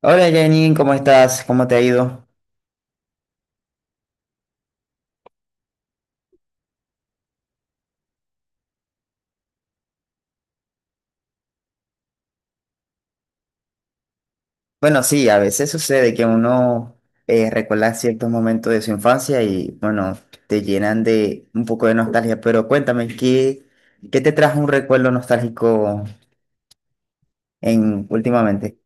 Hola Janine, ¿cómo estás? ¿Cómo te ha ido? Bueno, sí, a veces sucede que uno recuerda ciertos momentos de su infancia y bueno, te llenan de un poco de nostalgia, pero cuéntame, ¿qué te trajo un recuerdo nostálgico últimamente?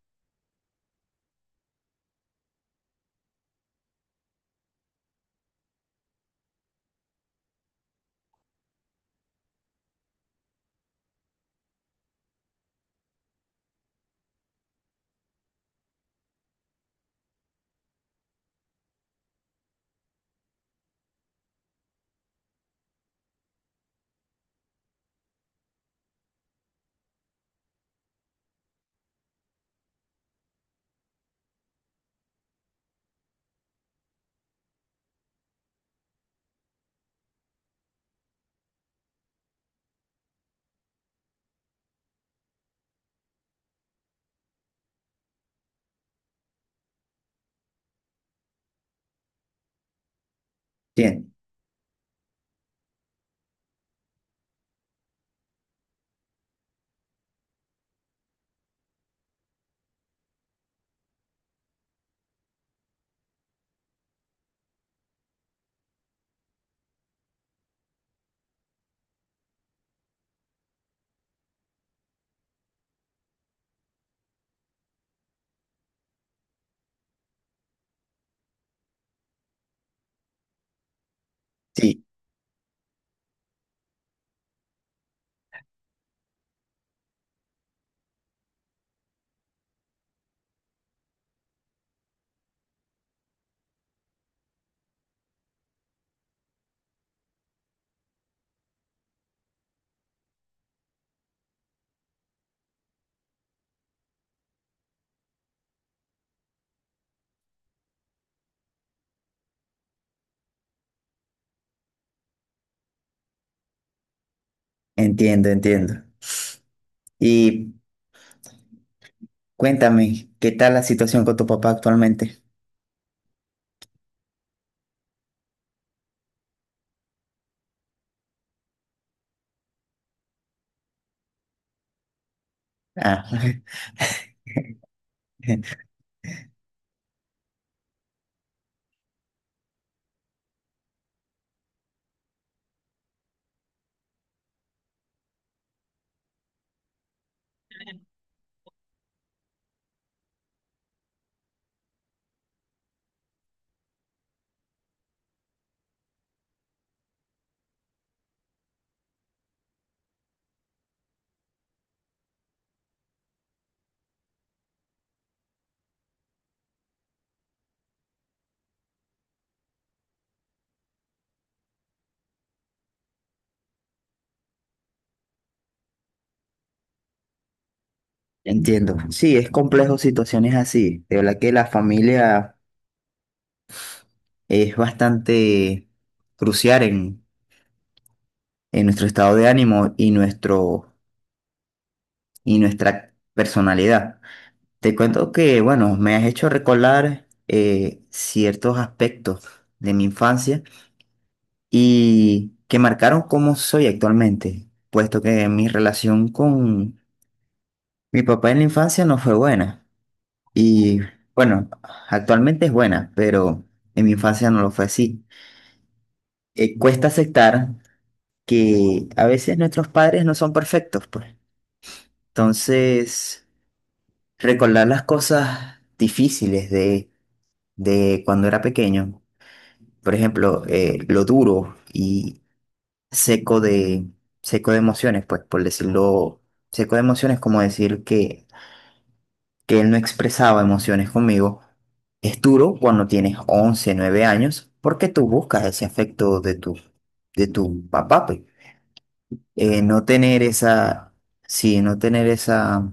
Bien, sí, entiendo, entiendo. Y cuéntame, ¿qué tal la situación con tu papá actualmente? Ah, entiendo. Sí, es complejo situaciones así. De verdad que la familia es bastante crucial en nuestro estado de ánimo y y nuestra personalidad. Te cuento que, bueno, me has hecho recordar ciertos aspectos de mi infancia y que marcaron cómo soy actualmente, puesto que mi relación con mi papá en la infancia no fue buena. Y bueno, actualmente es buena, pero en mi infancia no lo fue así. Cuesta aceptar que a veces nuestros padres no son perfectos, pues. Entonces, recordar las cosas difíciles de cuando era pequeño, por ejemplo, lo duro y seco de, seco de emociones, pues, por decirlo, seco de emociones, como decir que él no expresaba emociones conmigo, es duro cuando tienes 11 9 años, porque tú buscas ese afecto de tu papá, pues. Eh, no tener esa, sí, no tener esa,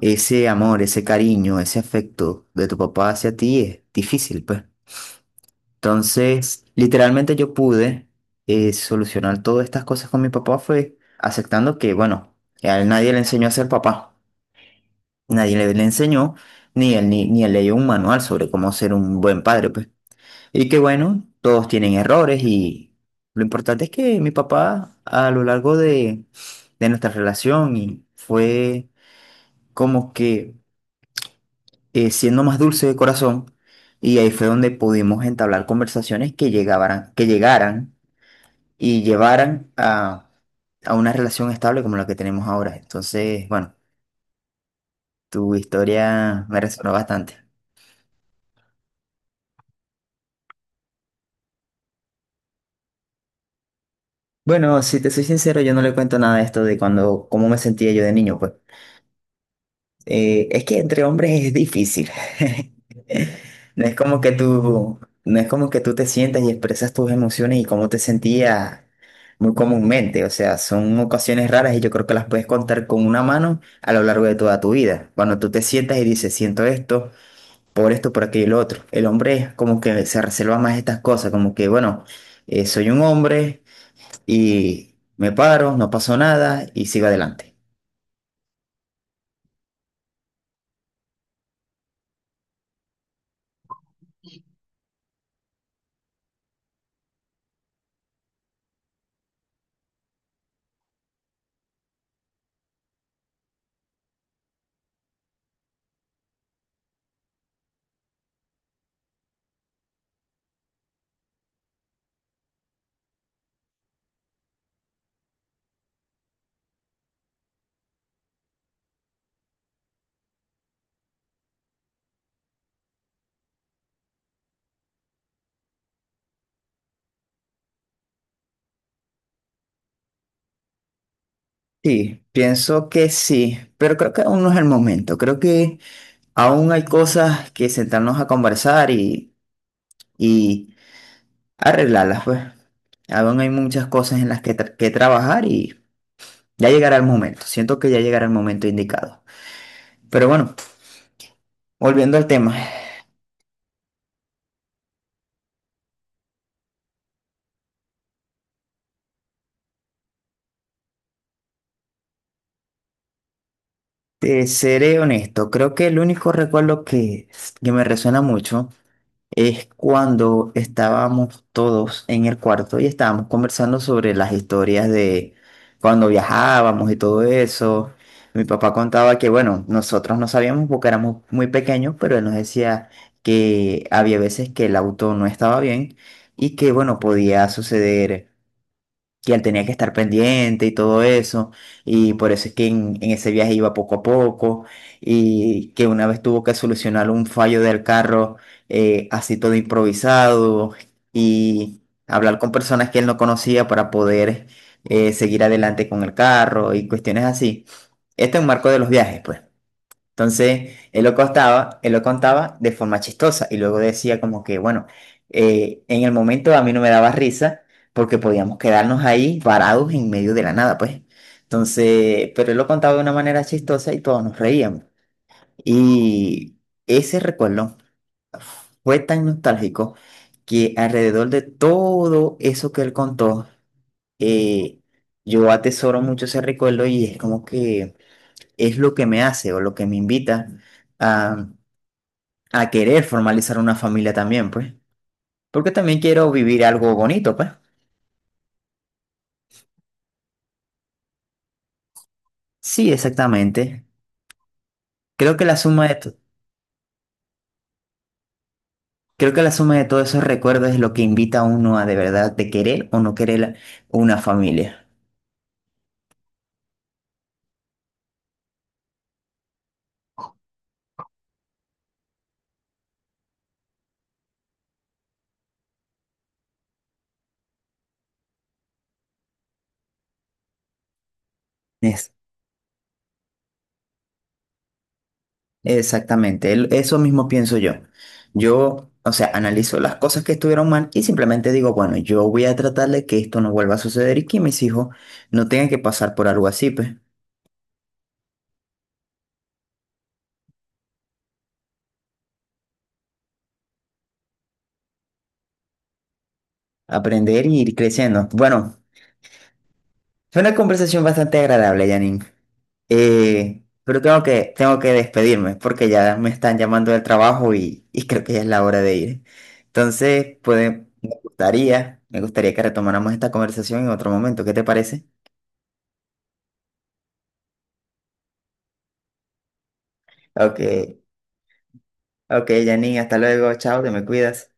ese amor, ese cariño, ese afecto de tu papá hacia ti es difícil, pues. Entonces, literalmente yo pude solucionar todas estas cosas con mi papá fue aceptando que, bueno, a él nadie le enseñó a ser papá, nadie le, le enseñó, ni él, ni él leyó un manual sobre cómo ser un buen padre, pues. Y que bueno, todos tienen errores y lo importante es que mi papá a lo largo de nuestra relación y fue como que siendo más dulce de corazón y ahí fue donde pudimos entablar conversaciones que llegaran y llevaran a una relación estable como la que tenemos ahora. Entonces, bueno, tu historia me resonó bastante. Bueno, si te soy sincero, yo no le cuento nada de esto de cuando, cómo me sentía yo de niño, pues. Es que entre hombres es difícil. No es como que tú, no es como que tú te sientas y expresas tus emociones y cómo te sentías muy comúnmente. O sea, son ocasiones raras y yo creo que las puedes contar con una mano a lo largo de toda tu vida. Cuando tú te sientas y dices, siento esto, por esto, por aquello y lo otro. El hombre es como que se reserva más estas cosas, como que, bueno, soy un hombre y me paro, no pasó nada y sigo adelante. Sí, pienso que sí, pero creo que aún no es el momento. Creo que aún hay cosas que sentarnos a conversar y arreglarlas, pues. Aún hay muchas cosas en las que trabajar y ya llegará el momento. Siento que ya llegará el momento indicado. Pero bueno, volviendo al tema, te seré honesto. Creo que el único que me resuena mucho. Es cuando estábamos todos en el cuarto y estábamos conversando sobre las historias de cuando viajábamos y todo eso. Mi papá contaba que, bueno, nosotros no sabíamos porque éramos muy pequeños, pero él nos decía que había veces que el auto no estaba bien y que, bueno, podía suceder. Y él tenía que estar pendiente y todo eso. Y por eso es que en ese viaje iba poco a poco. Y que una vez tuvo que solucionar un fallo del carro, así todo improvisado. Y hablar con personas que él no conocía para poder, seguir adelante con el carro y cuestiones así. Este es un marco de los viajes, pues. Entonces, él lo contaba de forma chistosa y luego decía como que, bueno, en el momento a mí no me daba risa porque podíamos quedarnos ahí varados en medio de la nada, pues. Entonces, pero él lo contaba de una manera chistosa y todos nos reíamos. Y ese recuerdo fue tan nostálgico que alrededor de todo eso que él contó, eh, yo atesoro mucho ese recuerdo y es como que es lo que me hace o lo que me invita a a querer formalizar una familia también, pues. Porque también quiero vivir algo bonito, pues. Sí, exactamente. Creo que la suma creo que la suma de todos esos recuerdos es lo que invita a uno a de verdad de querer o no querer una familia. Es, exactamente, el- eso mismo pienso yo. Yo, o sea, analizo las cosas que estuvieron mal y simplemente digo, bueno, yo voy a tratar de que esto no vuelva a suceder y que mis hijos no tengan que pasar por algo así, pues. Aprender y ir creciendo. Bueno, fue una conversación bastante agradable, Janine. Pero tengo que despedirme porque ya me están llamando del trabajo y creo que ya es la hora de ir. Entonces, me gustaría que retomáramos esta conversación en otro momento. ¿Qué te parece? Ok, ok, Janine, hasta luego, chao, te me cuidas.